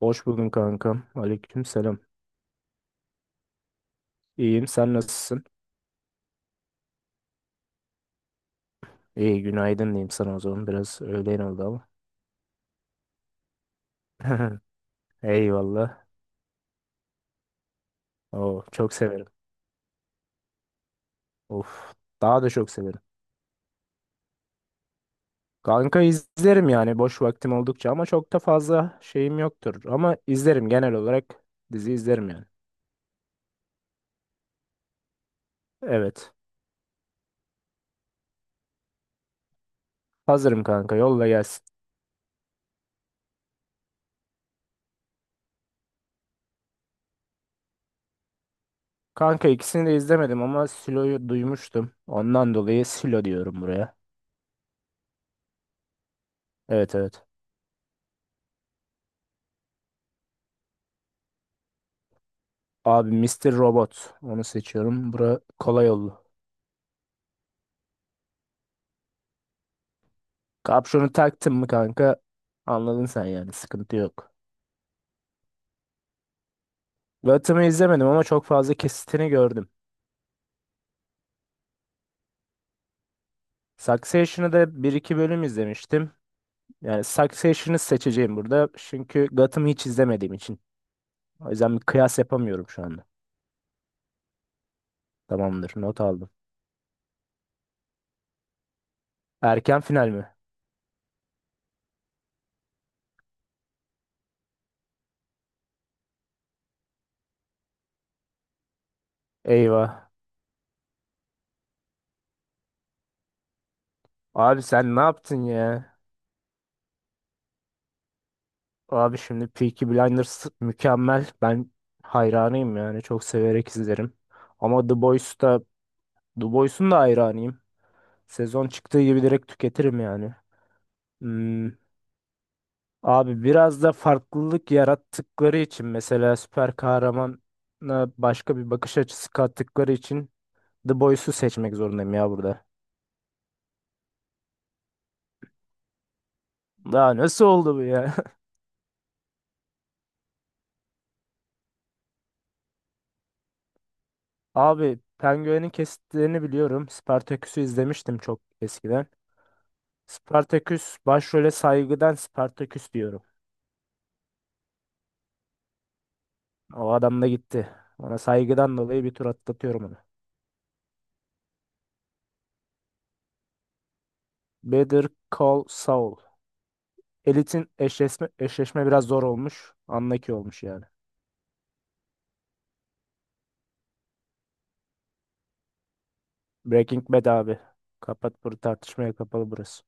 Hoş buldum kankam. Aleyküm selam. İyiyim. Sen nasılsın? İyi günaydın diyeyim sana o zaman. Biraz öğlen oldu ama. Eyvallah. Oo, çok severim. Of. Daha da çok severim. Kanka izlerim yani boş vaktim oldukça ama çok da fazla şeyim yoktur. Ama izlerim genel olarak dizi izlerim yani. Evet. Hazırım kanka yolla gelsin. Kanka ikisini de izlemedim ama Silo'yu duymuştum. Ondan dolayı Silo diyorum buraya. Evet, evet. Abi Mister Robot onu seçiyorum. Bura kolay oldu. Kapşonu taktın mı kanka? Anladın sen yani sıkıntı yok. Gotham'ı izlemedim ama çok fazla kesitini gördüm. Succession'ı da bir iki bölüm izlemiştim. Yani Succession'ı seçeceğim burada, çünkü Gotham'ı hiç izlemediğim için. O yüzden bir kıyas yapamıyorum şu anda. Tamamdır, not aldım. Erken final mi? Eyvah. Abi sen ne yaptın ya? Abi şimdi Peaky Blinders mükemmel. Ben hayranıyım yani çok severek izlerim. Ama The Boys'un da hayranıyım. Sezon çıktığı gibi direkt tüketirim yani. Hmm, Abi biraz da farklılık yarattıkları için, mesela süper kahramana başka bir bakış açısı kattıkları için The Boys'u seçmek zorundayım ya burada. Daha nasıl oldu bu ya? Abi Penguin'in kesitlerini biliyorum. Spartaküs'ü izlemiştim çok eskiden. Spartaküs, başrole saygıdan Spartaküs diyorum. O adam da gitti. Ona saygıdan dolayı bir tur atlatıyorum onu. Better Call Saul. Elit'in eşleşme biraz zor olmuş. Anlaki olmuş yani. Breaking Bad abi. Kapat bunu, tartışmaya kapalı burası.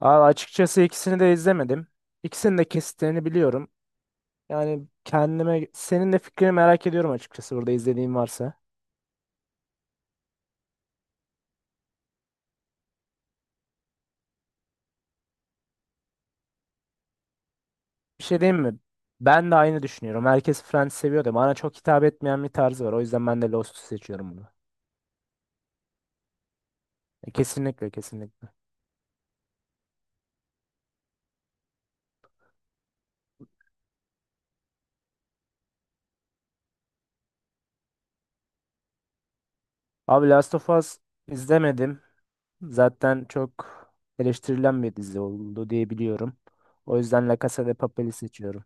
Abi açıkçası ikisini de izlemedim. İkisinin de kesitlerini biliyorum. Yani kendime senin de fikrini merak ediyorum açıkçası burada izlediğin varsa. Bir şey diyeyim mi? Ben de aynı düşünüyorum. Herkes Friends seviyor da bana çok hitap etmeyen bir tarzı var. O yüzden ben de Lost'u seçiyorum bunu. E, kesinlikle kesinlikle. Abi Last of Us izlemedim. Zaten çok eleştirilen bir dizi oldu diye biliyorum. O yüzden La Casa de Papel'i seçiyorum.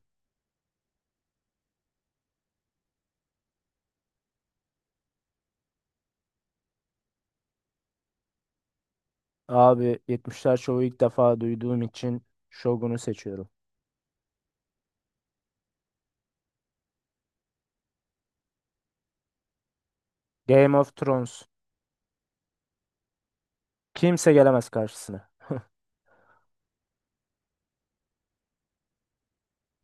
Abi 70'ler şovu ilk defa duyduğum için Shogun'u seçiyorum. Game of Thrones. Kimse gelemez karşısına.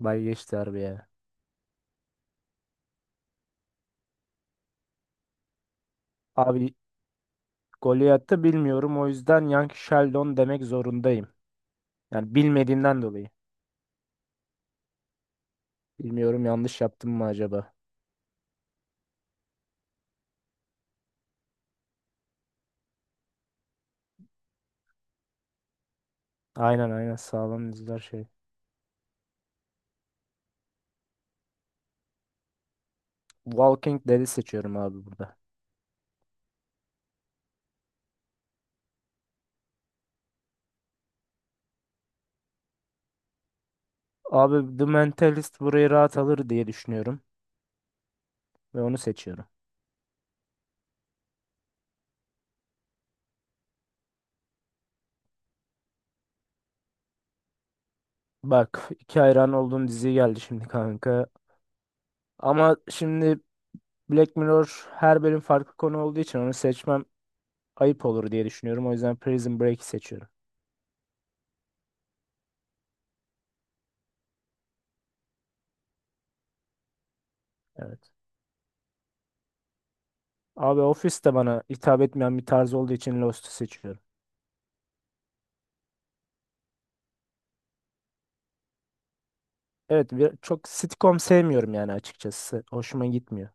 Bay geçti harbiye. Abi Goliath'ı bilmiyorum, o yüzden Young Sheldon demek zorundayım. Yani bilmediğimden dolayı. Bilmiyorum, yanlış yaptım mı acaba? Aynen, aynen, sağlam diziler şey. Walking Dead'i seçiyorum abi burada. Abi The Mentalist burayı rahat alır diye düşünüyorum. Ve onu seçiyorum. Bak, iki hayran olduğum dizi geldi şimdi kanka. Ama şimdi Black Mirror her bölüm farklı konu olduğu için onu seçmem ayıp olur diye düşünüyorum. O yüzden Prison Break'i seçiyorum. Evet. Abi Office de bana hitap etmeyen bir tarz olduğu için Lost'u seçiyorum. Evet, çok sitcom sevmiyorum yani açıkçası. Hoşuma gitmiyor.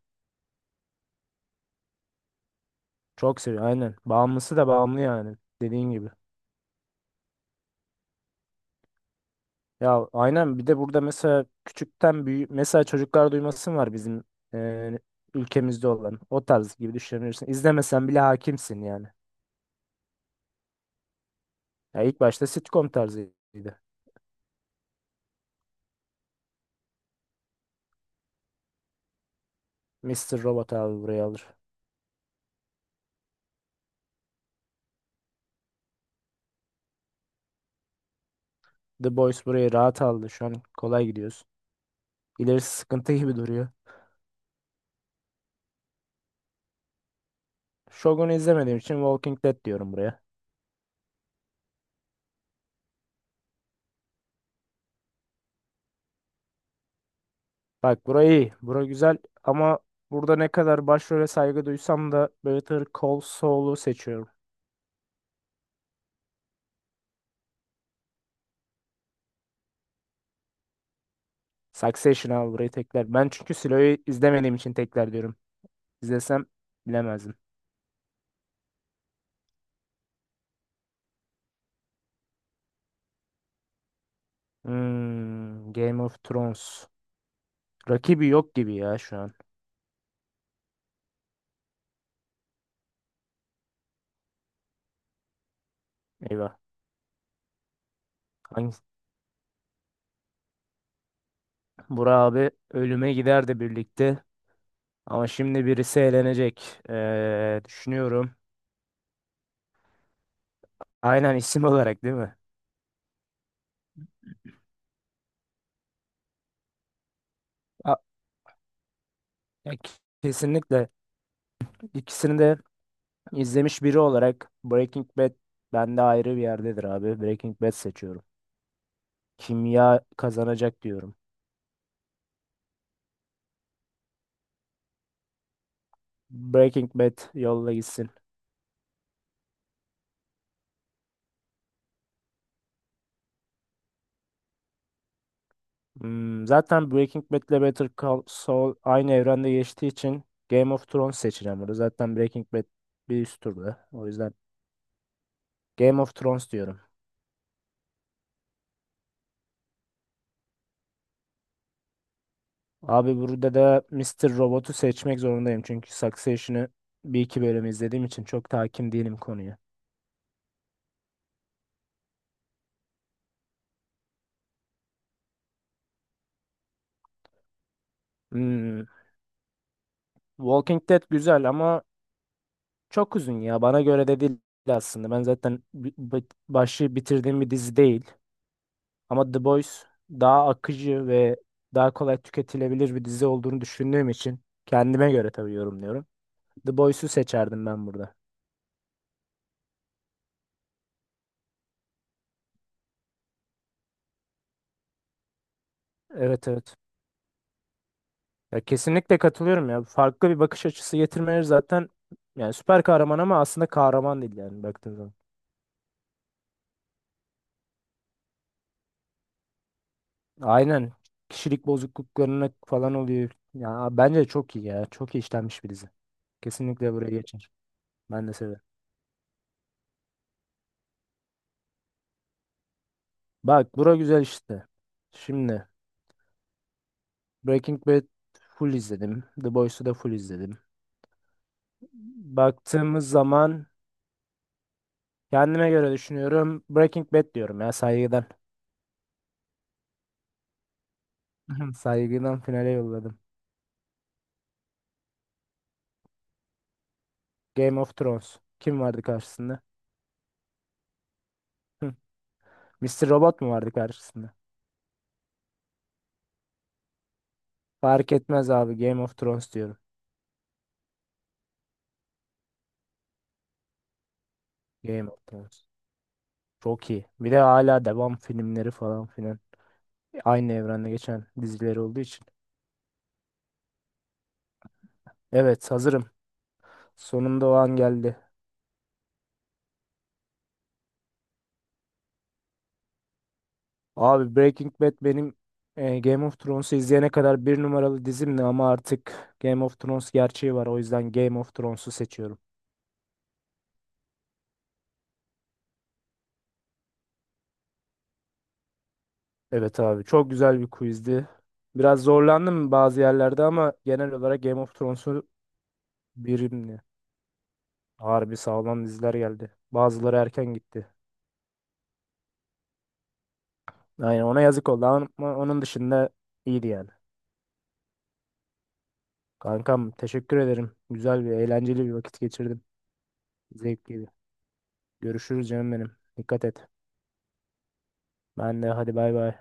Çok seviyorum aynen. Bağımlısı da bağımlı yani dediğin gibi. Ya aynen, bir de burada mesela küçükten büyü, mesela çocuklar duymasın, var bizim e, ülkemizde olan o tarz gibi düşünebilirsin. İzlemesen bile hakimsin yani. Ya ilk başta sitcom tarzıydı. Mister Robot abi buraya alır. The Boys burayı rahat aldı. Şu an kolay gidiyoruz. İlerisi sıkıntı gibi duruyor. Shogun'u izlemediğim için Walking Dead diyorum buraya. Bak burayı, iyi. Bura güzel ama burada ne kadar başrole saygı duysam da Better Call Saul'u seçiyorum. Succession abi burayı tekrar. Ben çünkü Silo'yu izlemediğim için tekrar diyorum. İzlesem bilemezdim. Game of Thrones. Rakibi yok gibi ya şu an. Eyvah. Hangisi? Burak abi ölüme giderdi birlikte. Ama şimdi birisi eğlenecek. Düşünüyorum. Aynen isim olarak değil mi? A- Ya kesinlikle. İkisini de izlemiş biri olarak Breaking Bad bende ayrı bir yerdedir abi. Breaking Bad seçiyorum. Kimya kazanacak diyorum. Breaking Bad yolla gitsin. Zaten Breaking Bad ile Better Call Saul aynı evrende geçtiği için Game of Thrones seçeceğim burada. Zaten Breaking Bad bir üst turda. O yüzden Game of Thrones diyorum. Abi burada da Mister Robot'u seçmek zorundayım. Çünkü Succession'ı bir iki bölüm izlediğim için çok hakim değilim konuya. Hmm, Walking Dead güzel ama çok uzun ya. Bana göre de değil aslında. Ben zaten başı bitirdiğim bir dizi değil. Ama The Boys daha akıcı ve daha kolay tüketilebilir bir dizi olduğunu düşündüğüm için, kendime göre tabii yorumluyorum, The Boys'u seçerdim ben burada. Evet, evet. Ya kesinlikle katılıyorum ya. Farklı bir bakış açısı getirmeleri zaten yani, süper kahraman ama aslında kahraman değil yani baktığın zaman. Aynen. Kişilik bozukluklarına falan oluyor. Ya bence çok iyi ya. Çok iyi işlenmiş bir dizi. Kesinlikle buraya geçer. Ben de severim. Bak bura güzel işte. Şimdi Breaking Bad full izledim. The Boys'u da full izledim. Baktığımız zaman kendime göre düşünüyorum. Breaking Bad diyorum ya, saygıdan. Saygıdan finale yolladım. Game of Thrones. Kim vardı karşısında? Hı. Mr. Robot mu vardı karşısında? Fark etmez abi. Game of Thrones diyorum. Game of Thrones. Çok iyi. Bir de hala devam filmleri falan filan. Aynı evrende geçen dizileri olduğu için. Evet, hazırım. Sonunda o an geldi. Abi Breaking Bad benim Game of Thrones'u izleyene kadar bir numaralı dizimdi, ama artık Game of Thrones gerçeği var. O yüzden Game of Thrones'u seçiyorum. Evet abi, çok güzel bir quizdi. Biraz zorlandım bazı yerlerde ama genel olarak Game of Thrones'u birimdi. Harbi sağlam diziler geldi. Bazıları erken gitti. Aynen, ona yazık oldu ama onun dışında iyiydi yani. Kankam teşekkür ederim. Güzel bir, eğlenceli bir vakit geçirdim. Zevkliydi. Görüşürüz canım benim. Dikkat et. Ben de, hadi bay bay.